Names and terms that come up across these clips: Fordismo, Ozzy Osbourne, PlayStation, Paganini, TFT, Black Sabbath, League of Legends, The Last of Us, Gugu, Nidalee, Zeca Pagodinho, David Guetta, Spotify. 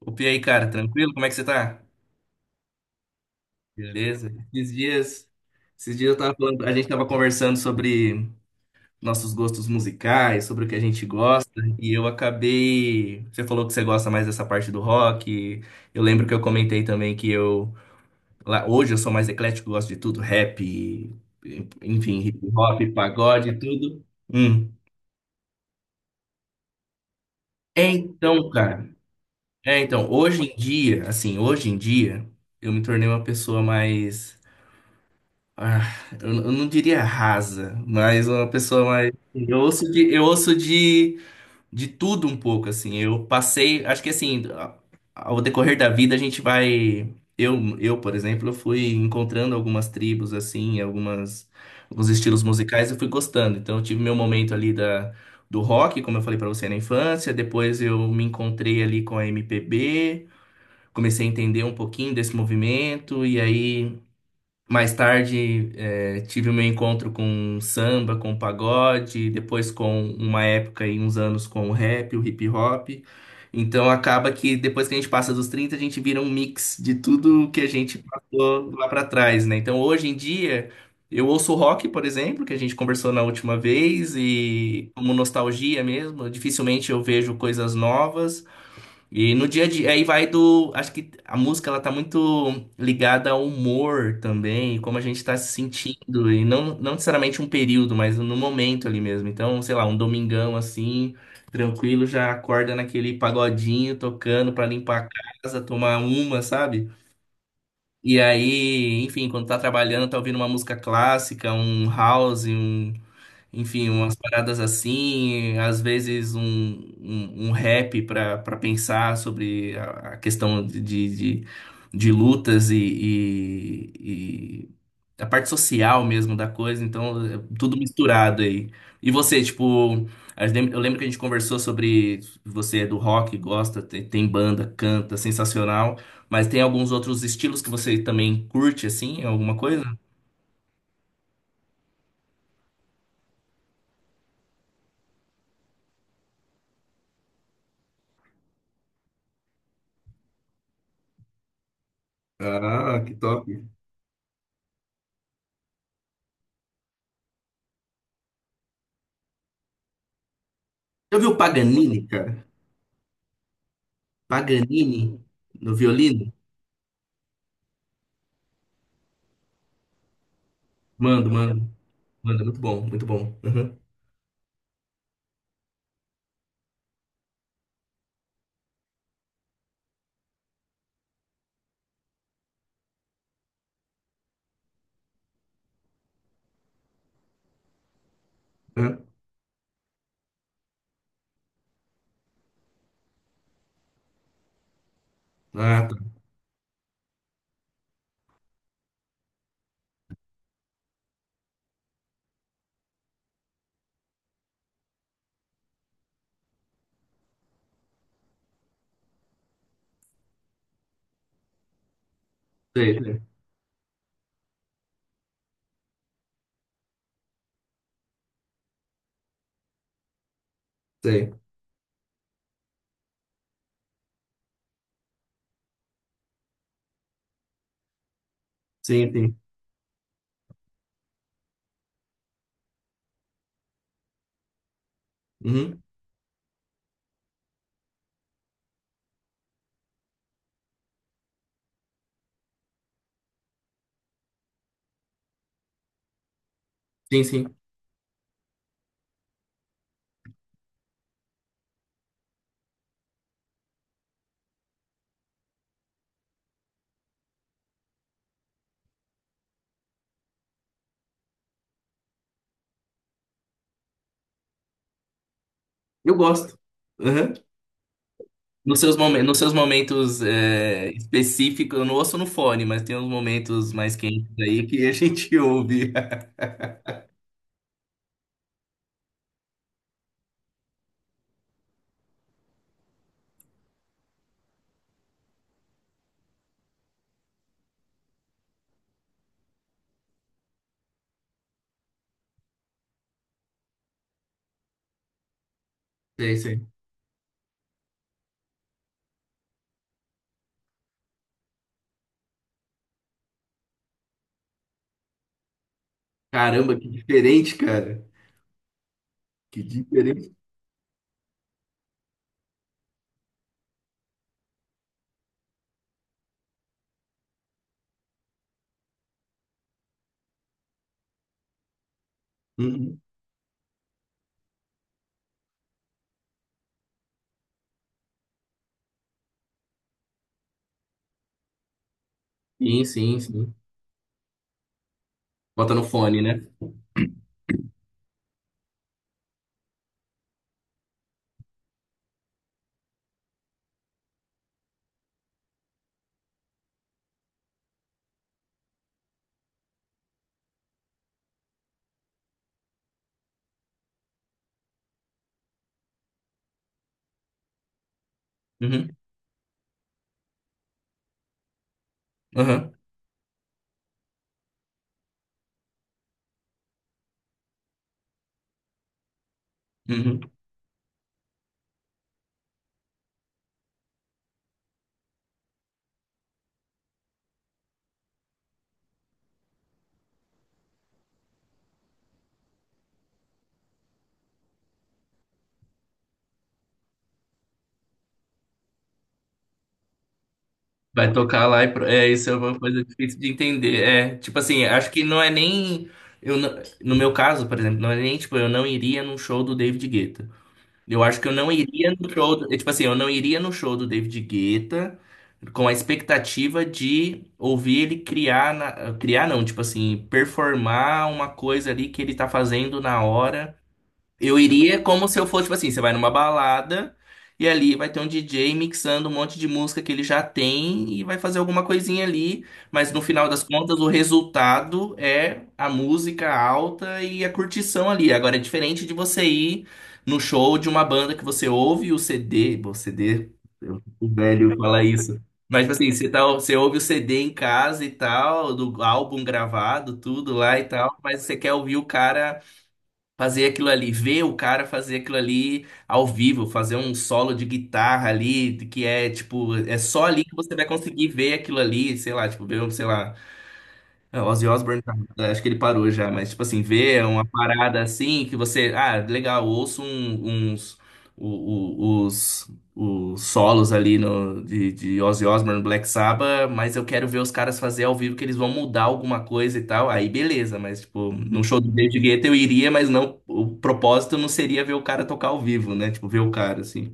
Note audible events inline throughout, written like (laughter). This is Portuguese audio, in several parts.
Opa, e aí, cara, tranquilo? Como é que você tá? Beleza. Esses dias eu tava falando, a gente tava conversando sobre nossos gostos musicais, sobre o que a gente gosta, e eu acabei, você falou que você gosta mais dessa parte do rock. Eu lembro que eu comentei também que eu lá hoje eu sou mais eclético, gosto de tudo, rap, enfim, hip hop, pagode, tudo. Hum. É, então, cara, hoje em dia, eu me tornei uma pessoa mais. Ah, eu não diria rasa, mas uma pessoa mais, assim. Eu ouço de tudo um pouco, assim. Eu passei. Acho que assim, ao decorrer da vida a gente vai. Eu, por exemplo, eu fui encontrando algumas tribos, assim, alguns estilos musicais e fui gostando. Então eu tive meu momento ali do rock, como eu falei pra você na infância. Depois eu me encontrei ali com a MPB, comecei a entender um pouquinho desse movimento, e aí. Mais tarde, tive o meu encontro com samba, com pagode, depois com uma época e uns anos com o rap, o hip hop. Então acaba que depois que a gente passa dos 30 a gente vira um mix de tudo que a gente passou lá pra trás, né? Então hoje em dia, eu ouço rock, por exemplo, que a gente conversou na última vez, e como nostalgia mesmo, dificilmente eu vejo coisas novas. E no dia a dia, aí vai do. Acho que a música ela tá muito ligada ao humor também, como a gente tá se sentindo, e não, não necessariamente um período, mas no momento ali mesmo. Então, sei lá, um domingão assim, tranquilo, já acorda naquele pagodinho tocando pra limpar a casa, tomar uma, sabe? E aí, enfim, quando tá trabalhando, tá ouvindo uma música clássica, um house, um. Enfim, umas paradas assim, às vezes um rap para pensar sobre a questão de de lutas e a parte social mesmo da coisa, então é tudo misturado aí. E você, tipo, eu lembro que a gente conversou sobre você é do rock, gosta, tem banda, canta, sensacional, mas tem alguns outros estilos que você também curte, assim, alguma coisa? Ah, que top. Já viu o Paganini, cara? Paganini no violino? Mando, mando, mando. Muito bom, muito bom. Uhum, uhum. Ah, tá. Sei, sei, sei. Sim, sim. Uhum. Sim, sim. Eu gosto. Uhum. Nos seus momentos específicos, eu não ouço no fone, mas tem uns momentos mais quentes aí que a gente (laughs) ouve. Sei, sei. Caramba, que diferente, cara. Que diferente. Uhum. Sim, sim, sim. Bota no fone, né? Uhum. Uhum. Uhum. Vai tocar lá e é isso é uma coisa difícil de entender. É, tipo assim, acho que não é nem eu não- no meu caso, por exemplo, não é nem tipo eu não iria num show do David Guetta. Eu acho que eu não iria no show, é, tipo assim, eu não iria no show do David Guetta com a expectativa de ouvir ele criar criar não, tipo assim, performar uma coisa ali que ele tá fazendo na hora. Eu iria como se eu fosse, tipo assim, você vai numa balada e ali vai ter um DJ mixando um monte de música que ele já tem e vai fazer alguma coisinha ali, mas no final das contas o resultado é a música alta e a curtição ali. Agora é diferente de você ir no show de uma banda que você ouve o CD, bom, CD, o velho fala isso. Mas tipo assim, você, tá, você ouve o CD em casa e tal, do álbum gravado, tudo lá e tal, mas você quer ouvir o cara fazer aquilo ali, ver o cara fazer aquilo ali ao vivo, fazer um solo de guitarra ali, que é tipo, é só ali que você vai conseguir ver aquilo ali, sei lá, tipo, ver, um, sei lá, o Ozzy Osbourne, tá, acho que ele parou já, mas, tipo assim, ver uma parada assim que você. Ah, legal, ouço uns. Os solos ali no, de Ozzy Osbourne, Black Sabbath, mas eu quero ver os caras fazer ao vivo que eles vão mudar alguma coisa e tal. Aí beleza, mas, tipo, num show do David Guetta eu iria, mas não. O propósito não seria ver o cara tocar ao vivo, né? Tipo, ver o cara, assim.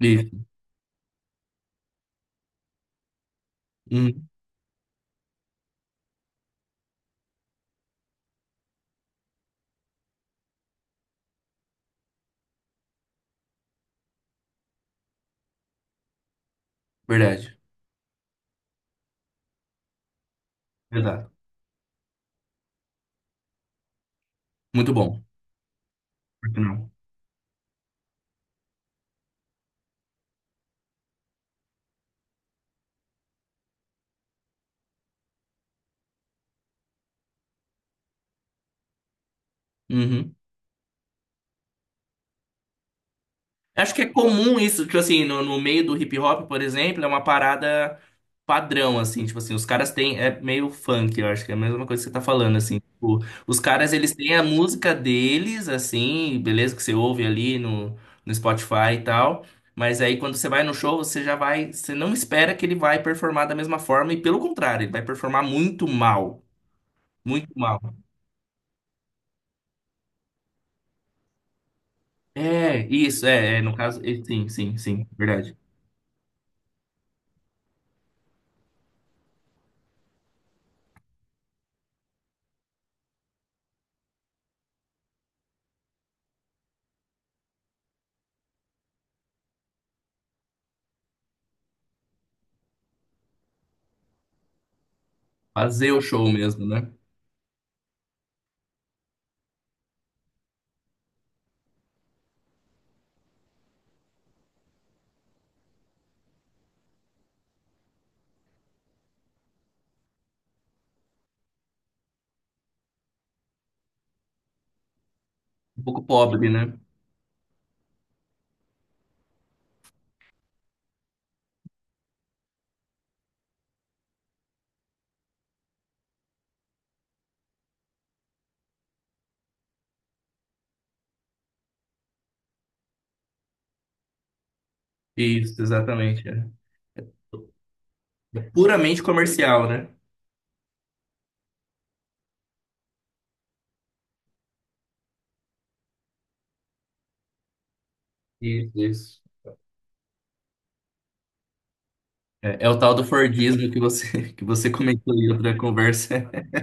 E, hum, verdade, verdade. Muito bom. Por que não? Uhum. Acho que é comum isso, tipo assim, no meio do hip hop, por exemplo, é uma parada padrão, assim, tipo assim, os caras têm, é meio funk, eu acho que é a mesma coisa que você tá falando, assim, tipo, os caras, eles têm a música deles, assim, beleza, que você ouve ali no Spotify e tal, mas aí quando você vai no show, você já vai, você não espera que ele vai performar da mesma forma, e pelo contrário, ele vai performar muito mal, muito mal. É, isso, é, é, no caso, é, sim, sim, sim, verdade. Fazer o show mesmo, né? Um pouco pobre, né? Isso, exatamente. É. É puramente comercial, né? Isso, isso. É, é o tal do Fordismo que você, (laughs) que você comentou aí outra conversa. (laughs)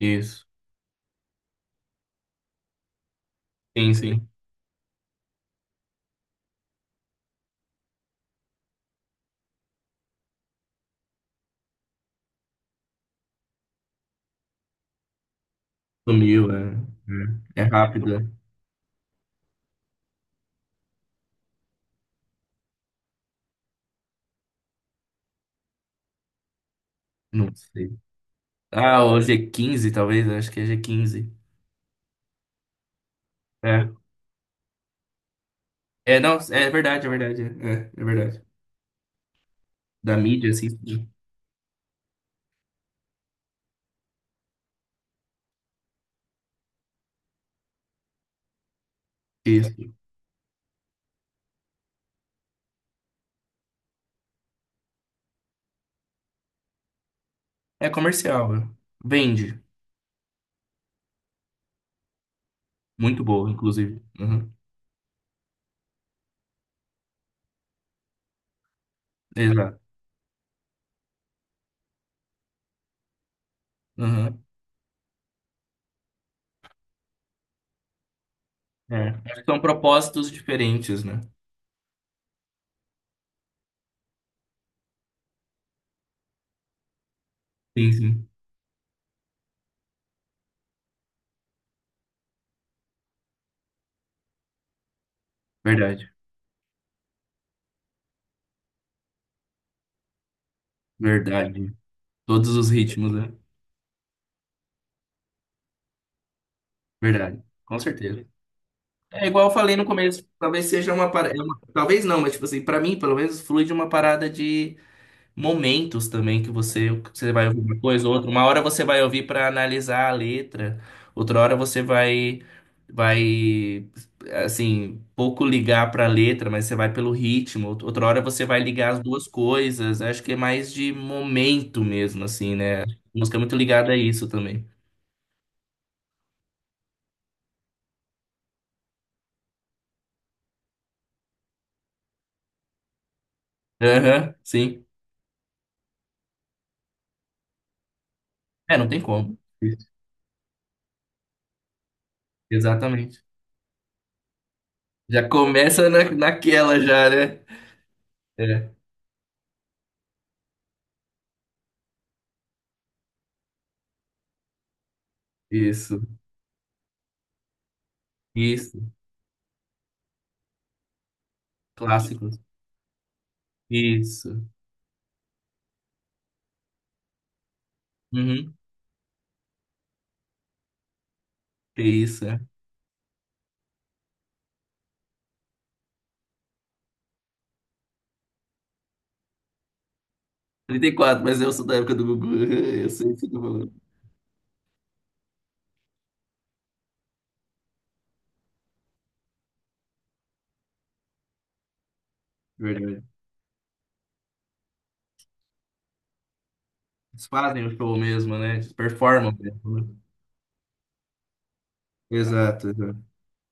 Isso. Sim, sim. Sumiu, é, é é rápido, é. Não sei. Ah, o G15 talvez, acho que é G15. É. É, não, é verdade, é verdade. É, é é verdade. Da mídia, assim, sim. Isso. É comercial, é. Vende. Muito boa, inclusive. Uhum. Exato. Uhum. É. Acho que são propósitos diferentes, né? Sim, sim. Verdade, verdade. Todos os ritmos, né? Verdade, com certeza. É igual eu falei no começo, talvez seja uma parada. Talvez não, mas tipo assim, pra mim, pelo menos, flui de uma parada de momentos também que você vai ouvir uma coisa ou outra. Uma hora você vai ouvir para analisar a letra, outra hora você vai assim, pouco ligar para a letra, mas você vai pelo ritmo. Outra hora você vai ligar as duas coisas. Acho que é mais de momento mesmo assim, né? A música é muito ligada a isso também. Aham, sim. É, não tem como. Isso, exatamente. Já começa naquela já, né? É, isso. Isso. Clássicos. Isso. Uhum. Que isso, é? 34, mas eu sou da época do Gugu. (laughs) Eu sei o que eu tô falando. Verdade. Eles fazem o show mesmo, né? Eles performam mesmo, né? Exato, exato.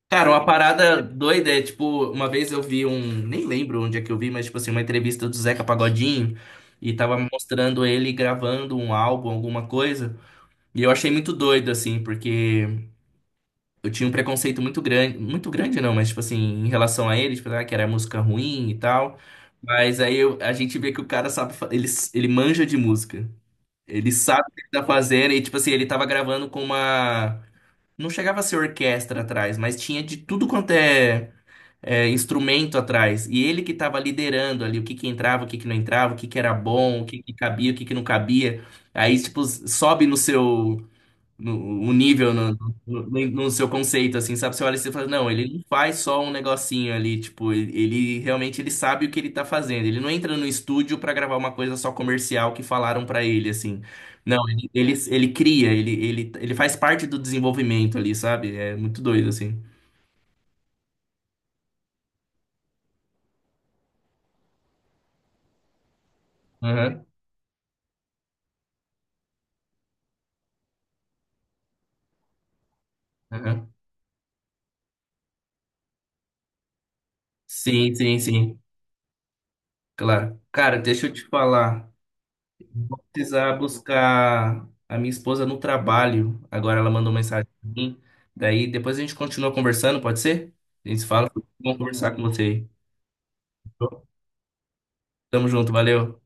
Cara, uma parada doida é, tipo, uma vez eu vi um, nem lembro onde é que eu vi, mas, tipo assim, uma entrevista do Zeca Pagodinho e tava mostrando ele gravando um álbum, alguma coisa, e eu achei muito doido, assim, porque eu tinha um preconceito muito grande não, mas tipo assim, em relação a ele, tipo, ah, que era música ruim e tal. Mas aí a gente vê que o cara sabe, ele manja de música. Ele sabe o que ele tá fazendo e tipo assim, ele tava gravando com uma não chegava a ser orquestra atrás, mas tinha de tudo quanto é, instrumento atrás. E ele que tava liderando ali o que que entrava, o que que não entrava, o que que era bom, o que que cabia, o que que não cabia. Aí tipo sobe no seu no, o nível no seu conceito, assim, sabe? Você olha e você fala, não, ele não faz só um negocinho ali, tipo, ele realmente ele sabe o que ele tá fazendo. Ele não entra no estúdio pra gravar uma coisa só comercial que falaram pra ele, assim. Não, ele cria, ele faz parte do desenvolvimento ali, sabe? É muito doido, assim. Aham, aham. Sim, sim, sim. Claro. Cara, deixa eu te falar. Vou precisar buscar a minha esposa no trabalho. Agora ela mandou mensagem pra mim. Daí depois a gente continua conversando, pode ser? A gente se fala, foi bom conversar com você aí. Tamo junto, valeu.